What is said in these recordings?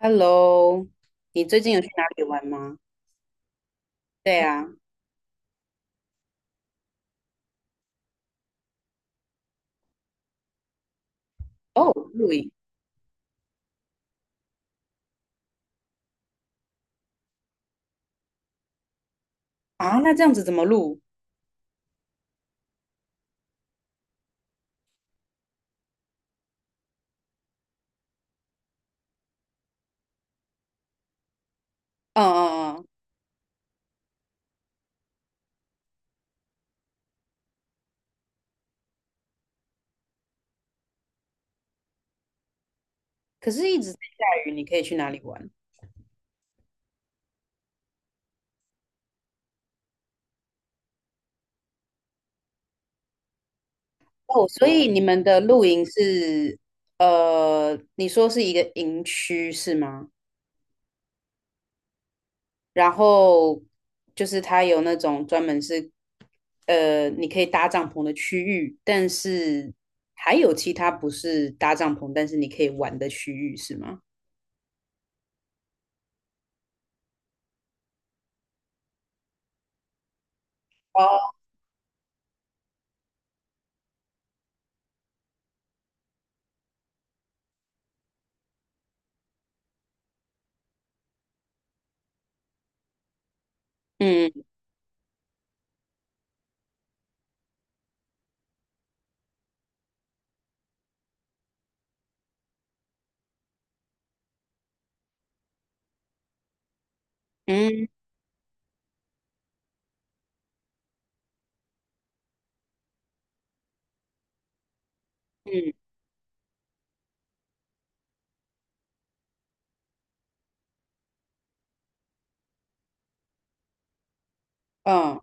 Hello，你最近有去哪里玩吗？对啊，哦，露营啊，那这样子怎么露？嗯嗯嗯，可是一直在下雨，你可以去哪里玩？哦，所以你们的露营是，你说是一个营区是吗？然后就是它有那种专门是，你可以搭帐篷的区域，但是还有其他不是搭帐篷，但是你可以玩的区域是吗？哦，嗯嗯嗯嗯。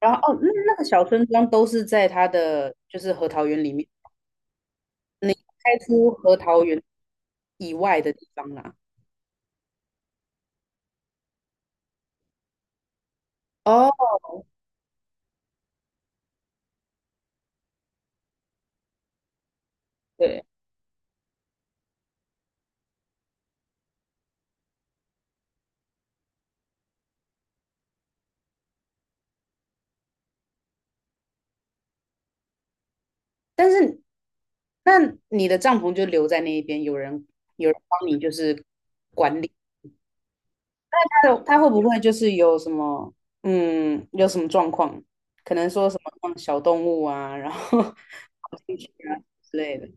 然后哦，那个小村庄都是在它的就是核桃园里面，你开出核桃园以外的地方啦。哦，对，但是那你的帐篷就留在那一边，有人帮你就是管理。他会不会就是有什么状况？可能说什么放小动物啊，然后 跑进去啊之类的。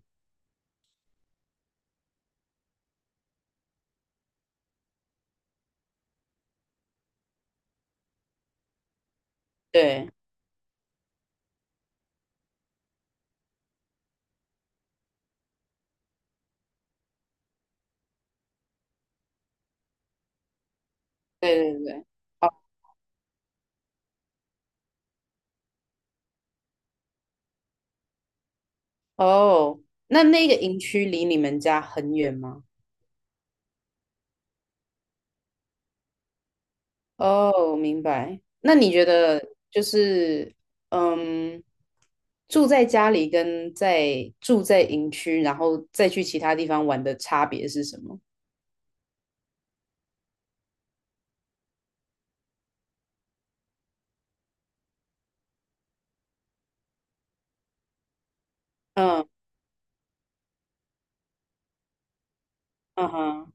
对对对对，哦，哦那个营区离你们家很远吗？哦，明白。那你觉得就是，嗯，住在家里跟住在营区，然后再去其他地方玩的差别是什么？嗯嗯哼，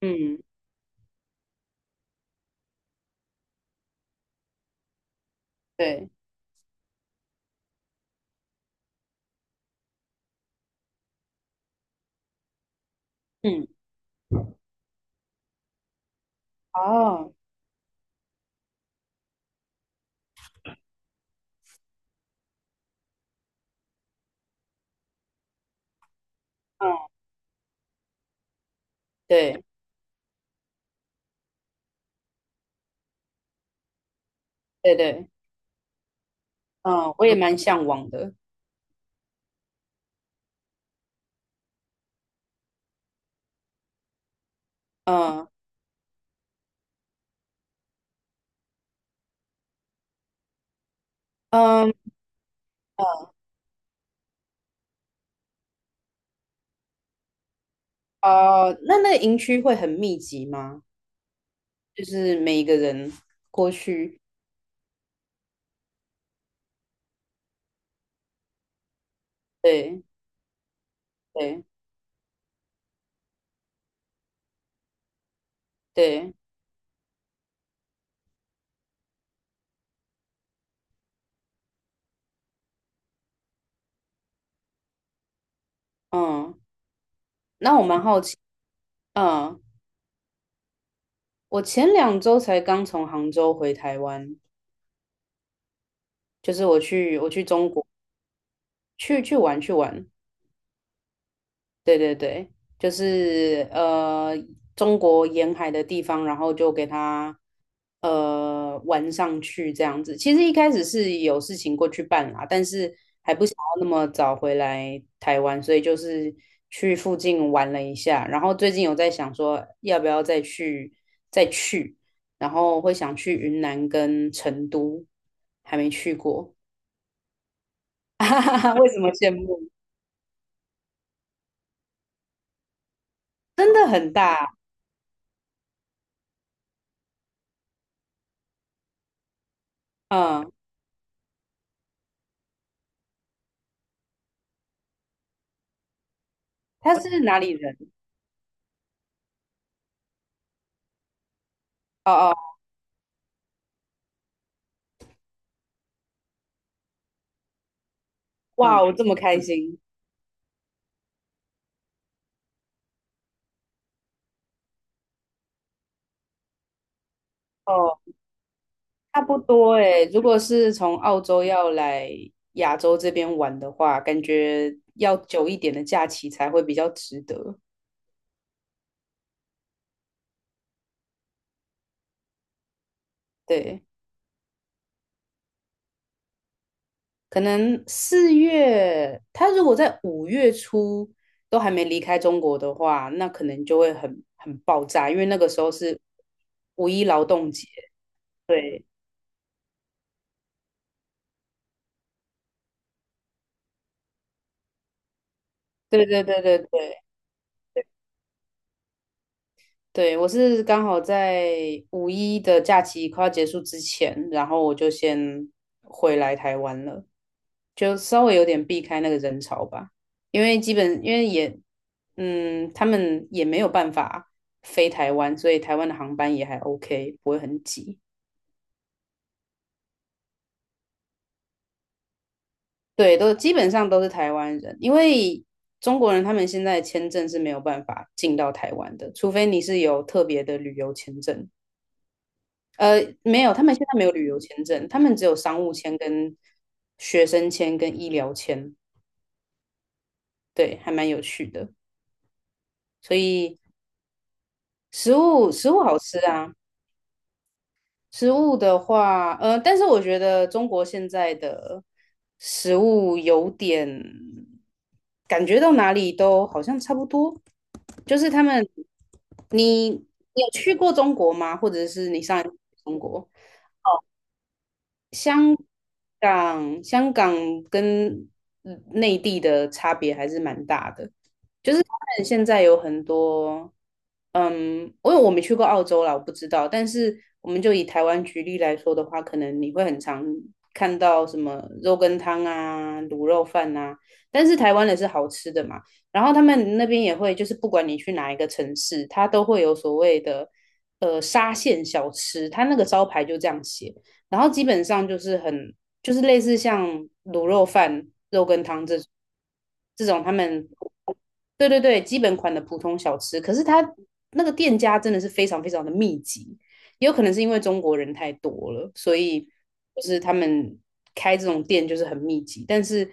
嗯，对，嗯，哦，嗯，对对对，嗯，我也蛮向往的。嗯嗯哦，那个营区会很密集吗？就是每一个人过去，对对对，嗯，那我蛮好奇，嗯。我前2周才刚从杭州回台湾，就是我去中国去玩，对对对，就是中国沿海的地方，然后就给他玩上去这样子。其实一开始是有事情过去办啦，但是还不想要那么早回来台湾，所以就是去附近玩了一下。然后最近有在想说，要不要再去，然后会想去云南跟成都，还没去过，哈哈哈为什么羡慕？真的很大，嗯，他是哪里人？哦哦，哇我这么开心哦，差不多诶。如果是从澳洲要来亚洲这边玩的话，感觉要久一点的假期才会比较值得。对，可能4月，他如果在5月初都还没离开中国的话，那可能就会很爆炸，因为那个时候是五一劳动节。对，对对对对对。对，我是刚好在五一的假期快要结束之前，然后我就先回来台湾了，就稍微有点避开那个人潮吧，因为也，他们也没有办法飞台湾，所以台湾的航班也还 OK,不会很挤。对，都基本上都是台湾人，因为中国人他们现在签证是没有办法进到台湾的，除非你是有特别的旅游签证。没有，他们现在没有旅游签证，他们只有商务签、跟学生签、跟医疗签，对，还蛮有趣的。所以食物好吃啊，食物的话，但是我觉得中国现在的食物有点感觉到哪里都好像差不多，就是他们，你有去过中国吗？或者是你上一次去中国？香港，香港跟内地的差别还是蛮大的，就是他们现在有很多，嗯，因为我没去过澳洲啦，我不知道，但是我们就以台湾举例来说的话，可能你会很常看到什么肉羹汤啊、卤肉饭啊，但是台湾的是好吃的嘛，然后他们那边也会，就是不管你去哪一个城市，它都会有所谓的沙县小吃，它那个招牌就这样写。然后基本上就是类似像卤肉饭、肉羹汤这种他们对对对基本款的普通小吃，可是它那个店家真的是非常非常的密集，也有可能是因为中国人太多了，所以就是他们开这种店就是很密集，但是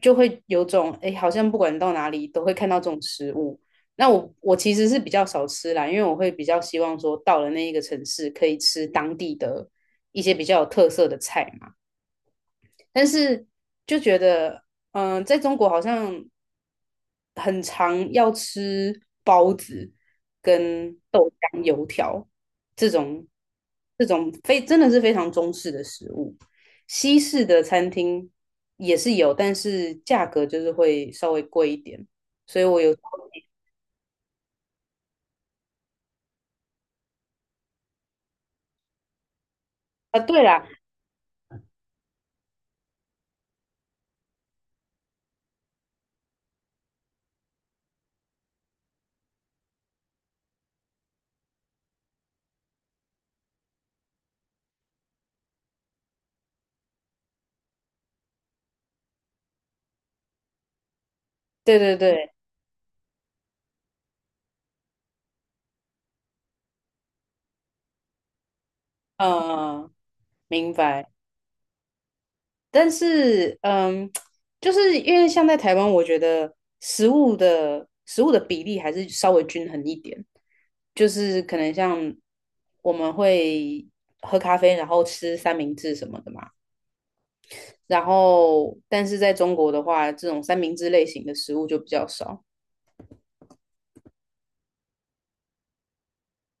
就会有种哎，诶好像不管到哪里都会看到这种食物。那我其实是比较少吃啦，因为我会比较希望说到了那一个城市可以吃当地的一些比较有特色的菜嘛。但是就觉得，在中国好像很常要吃包子跟豆浆、油条这种这种非真的是非常中式的食物。西式的餐厅也是有，但是价格就是会稍微贵一点。所以我有啊，对啦，对对对，嗯，明白。但是，就是因为像在台湾，我觉得食物的比例还是稍微均衡一点，就是可能像我们会喝咖啡，然后吃三明治什么的嘛。然后，但是在中国的话，这种三明治类型的食物就比较少。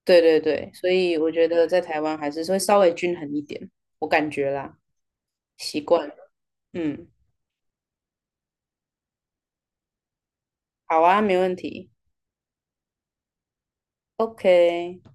对对对，所以我觉得在台湾还是会稍微均衡一点，我感觉啦，习惯了。嗯，好啊，没问题。OK。